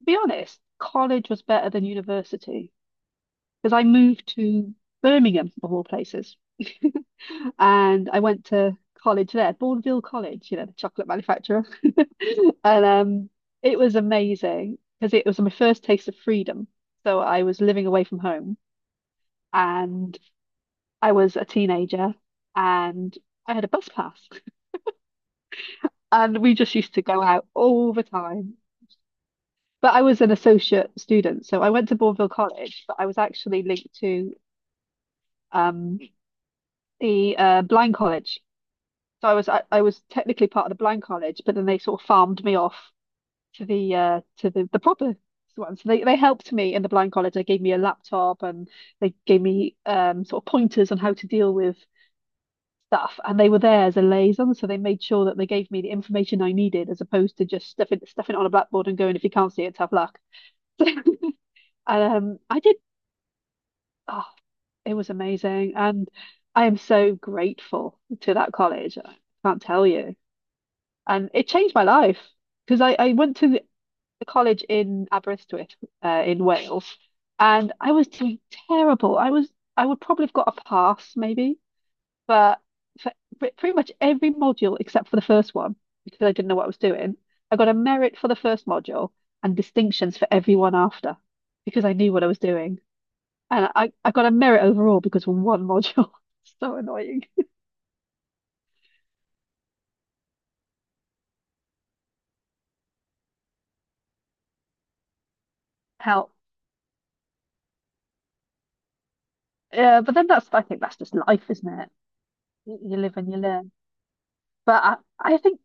To be honest, college was better than university because I moved to Birmingham, of all places. And I went to college there, Bourneville College, you know, the chocolate manufacturer. And It was amazing because it was my first taste of freedom. So I was living away from home and I was a teenager and I had a bus pass. And we just used to go out all the time. But I was an associate student, so I went to Bourneville College, but I was actually linked to um, the Blind College. So I was technically part of the Blind College, but then they sort of farmed me off to the proper one. So they helped me in the Blind College. They gave me a laptop and they gave me sort of pointers on how to deal with stuff. And they were there as a liaison, so they made sure that they gave me the information I needed, as opposed to just stuffing it on a blackboard and going, if you can't see it, tough luck. and, I did. Oh, it was amazing. And I am so grateful to that college. I can't tell you. And it changed my life because I went to the college in Aberystwyth, in Wales, and I was doing terrible. I was I would probably have got a pass maybe, but for pretty much every module except for the first one, because I didn't know what I was doing. I got a merit for the first module and distinctions for everyone after because I knew what I was doing. And I got a merit overall because of one module. So annoying. Help. Yeah, but then that's, I think that's just life, isn't it? You live and you learn. But I think,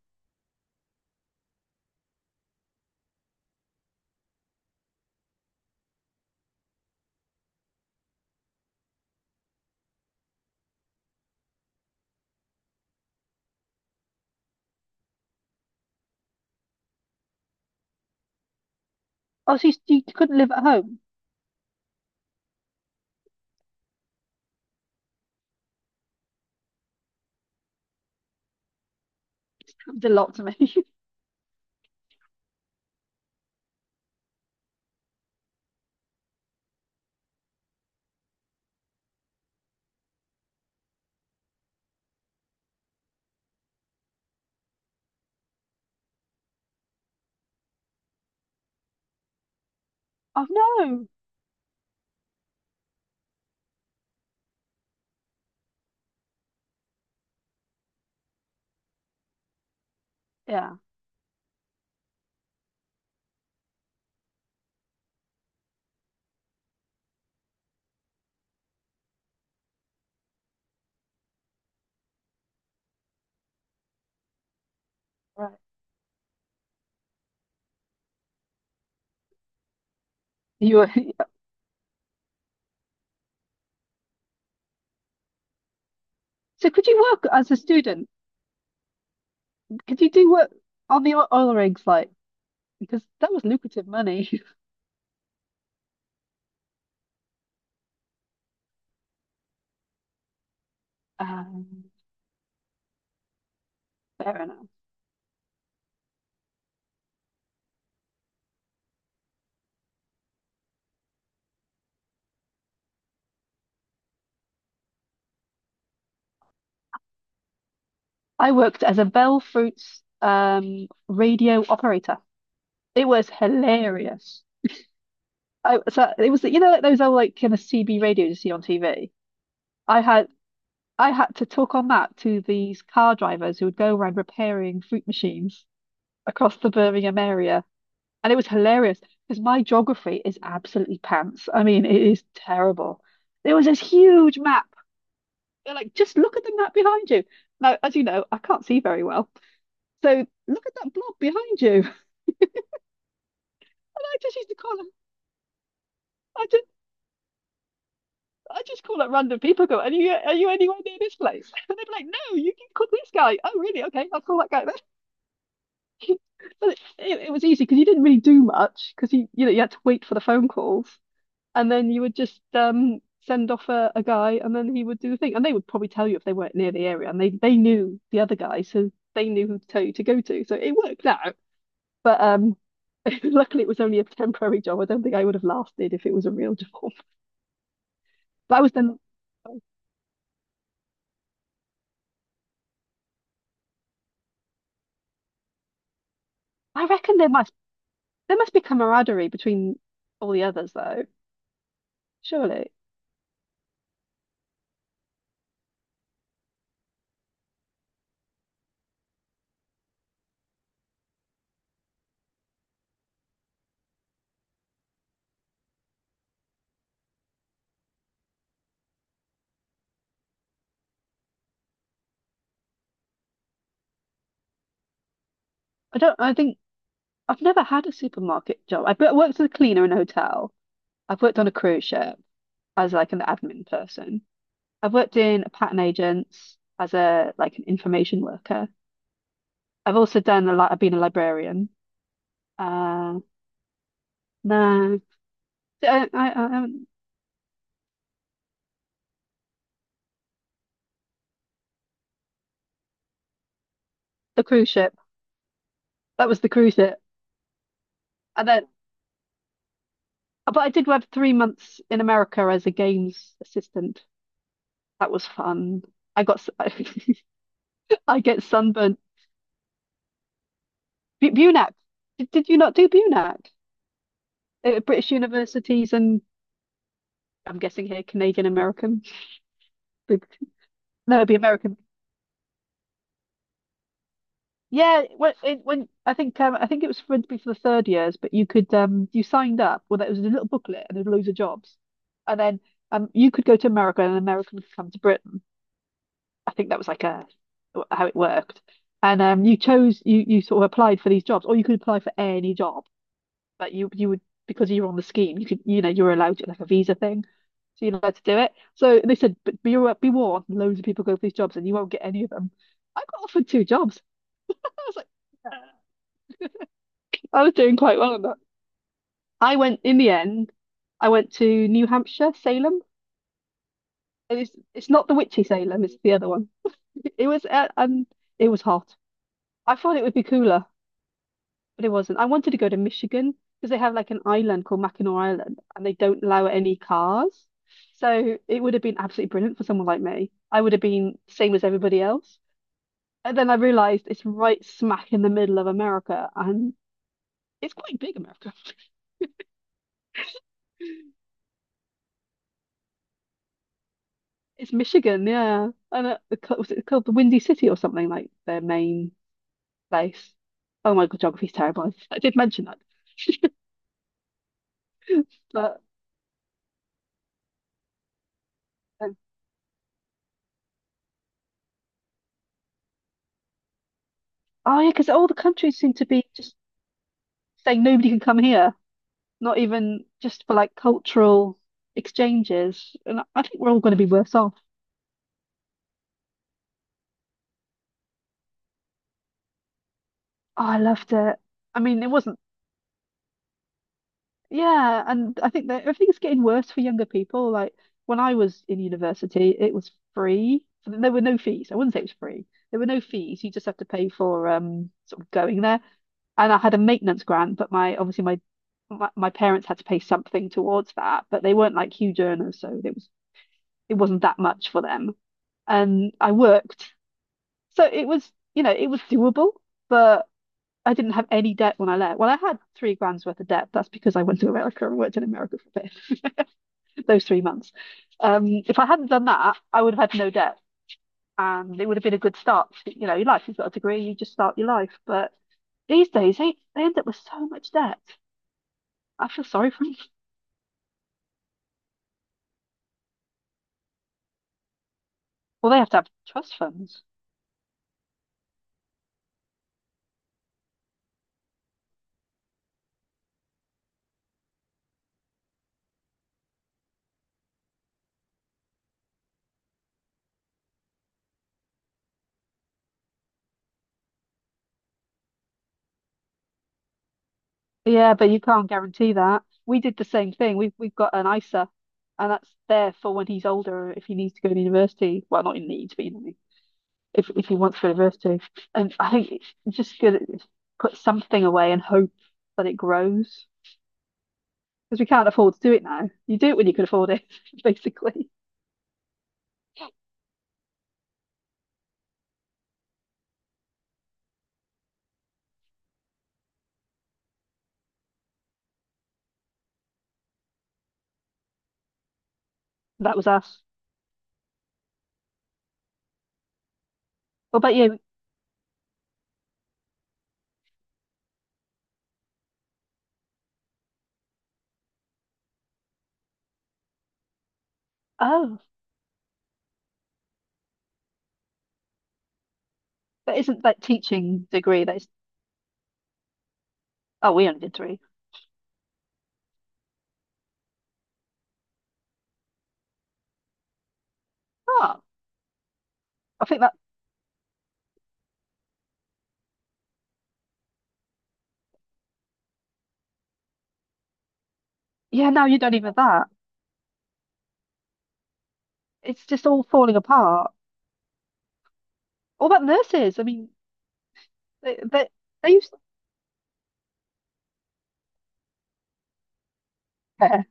oh, so you couldn't live at home. It's a lot to me. Oh, no. Yeah, right. You were, so could you work as a student? Could you do work on the oil rigs, like, because that was lucrative money. Um, Fair enough. I worked as a Bell Fruits radio operator. It was hilarious. I so it was, you know, like those old, like, kind of CB radios you see on TV. I had I had to talk on that to these car drivers who would go around repairing fruit machines across the Birmingham area, and it was hilarious because my geography is absolutely pants. I mean, it is terrible. There was this huge map. They're like, just look at the map behind you. Now, as you know, I can't see very well, so look at that blob behind you. And I just used to call them. I just I just call up random people. Go, are you anywhere near this place? And they'd be like, no, you can call this guy. Oh, really? Okay, I'll call that guy then. But it was easy because you didn't really do much because you know, you had to wait for the phone calls, and then you would just send off a guy, and then he would do the thing, and they would probably tell you if they weren't near the area, and they knew the other guy, so they knew who to tell you to go to. So it worked out, but. Luckily, it was only a temporary job. I don't think I would have lasted if it was a real job. But I was then, I reckon there must there must be camaraderie between all the others, though. Surely. I think I've never had a supermarket job. I've worked as a cleaner in a hotel. I've worked on a cruise ship as like an admin person. I've worked in a patent agents as, a like, an information worker. I've also done a lot. I've been a librarian. Uh, no, I haven't- the cruise ship. That was the cruise ship. And then, but I did work 3 months in America as a games assistant. That was fun. I got s- I get sunburnt. Bu Bunac. Did you not do Bunac at British universities and I'm guessing here Canadian American? No, it'd be American. Yeah, when I think it was for to be for the third years, but you could you signed up. Well, that was a little booklet and there's loads of jobs, and then you could go to America and an American could come to Britain. I think that was like a how it worked, and you chose you sort of applied for these jobs, or you could apply for any job. Like you would because you were on the scheme, you could, you know, you were allowed to, like, a visa thing. So you're allowed to do it. So they said, but be be warned, loads of people go for these jobs and you won't get any of them. I got offered 2 jobs. I was like, "Yeah, I was doing quite well on that." I went in the end, I went to New Hampshire, Salem. And it's not the witchy Salem, it's the other one. It was uh, um it was hot. I thought it would be cooler, but it wasn't. I wanted to go to Michigan because they have, like, an island called Mackinac Island and they don't allow any cars. So it would have been absolutely brilliant for someone like me. I would have been same as everybody else. And then I realized it's right smack in the middle of America and it's quite big, America. It's Michigan, yeah. And the was it called the Windy City or something, like, their main place? Oh my God, geography's terrible. I did mention that, but um, oh yeah, because all the countries seem to be just saying nobody can come here, not even just for, like, cultural exchanges. And I think we're all going to be worse off. Oh, I loved it. I mean, it wasn't, yeah. And I think that everything's getting worse for younger people. Like, when I was in university, it was free. There were no fees. I wouldn't say it was free. There were no fees. You just have to pay for sort of going there. And I had a maintenance grant, but my obviously my parents had to pay something towards that, but they weren't like huge earners, so it wasn't that much for them. And I worked, so it was, you know, it was doable, but I didn't have any debt when I left. Well, I had 3 grand's worth of debt. That's because I went to America and worked in America for a bit, those 3 months. If I hadn't done that, I would have had no debt and it would have been a good start to, you know, your life. You've got a degree, you just start your life. But these days, they end up with so much debt. I feel sorry for them. Well, they have to have trust funds. Yeah, but you can't guarantee that. We did the same thing. We've got an ISA, and that's there for when he's older if he needs to go to university. Well, not in needs, but you know what I mean. If he wants to go to university, and I think it's just good to put something away and hope that it grows because we can't afford to do it now. You do it when you can afford it, basically. That was us. What about you? Oh, that isn't that teaching degree. That is. Oh, we only did three. Oh, I think that. Yeah, now you don't even have that. It's just all falling apart. What about nurses? I mean, they they they used to care.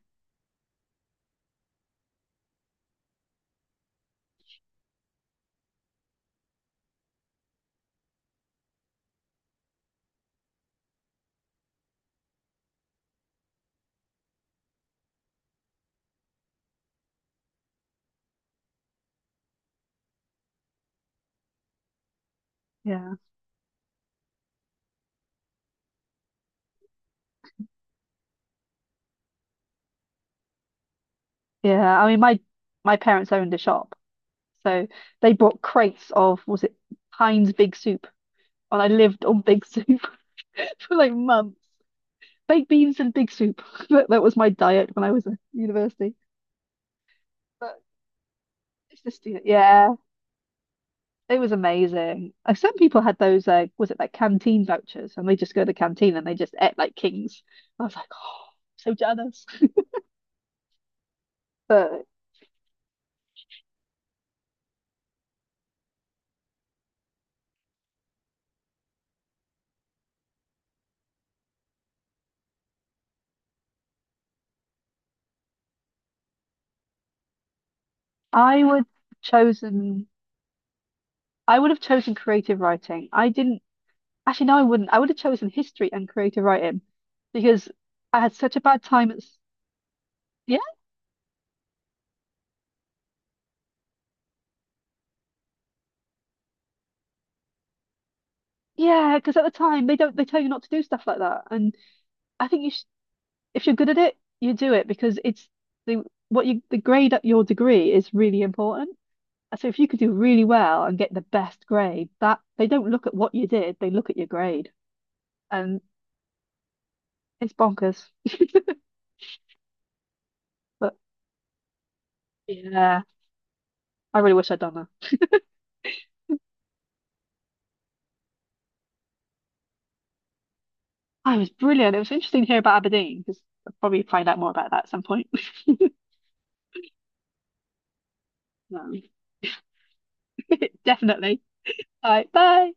Yeah, yeah. I mean, my parents owned a shop, so they brought crates of was it Heinz Big Soup, and I lived on Big Soup for, like, months. Baked beans and Big Soup. That was my diet when I was at university. But it's just, you know, yeah, it was amazing. Like, some people had those was it, like, canteen vouchers, and they just go to the canteen and they just ate like kings. I was like, oh, so jealous. But I would chosen I would have chosen creative writing. I didn't actually no I wouldn't. I would have chosen history and creative writing because I had such a bad time at yeah yeah because at the time they don't they tell you not to do stuff like that and I think you sh if you're good at it you do it because it's the what you the grade at your degree is really important. So if you could do really well and get the best grade that they don't look at what you did they look at your grade and it's bonkers but yeah I really wish I'd done that. Oh, it was brilliant. It was interesting to hear about Aberdeen because I'll probably find out more about that at some point. Um, definitely. All right, bye.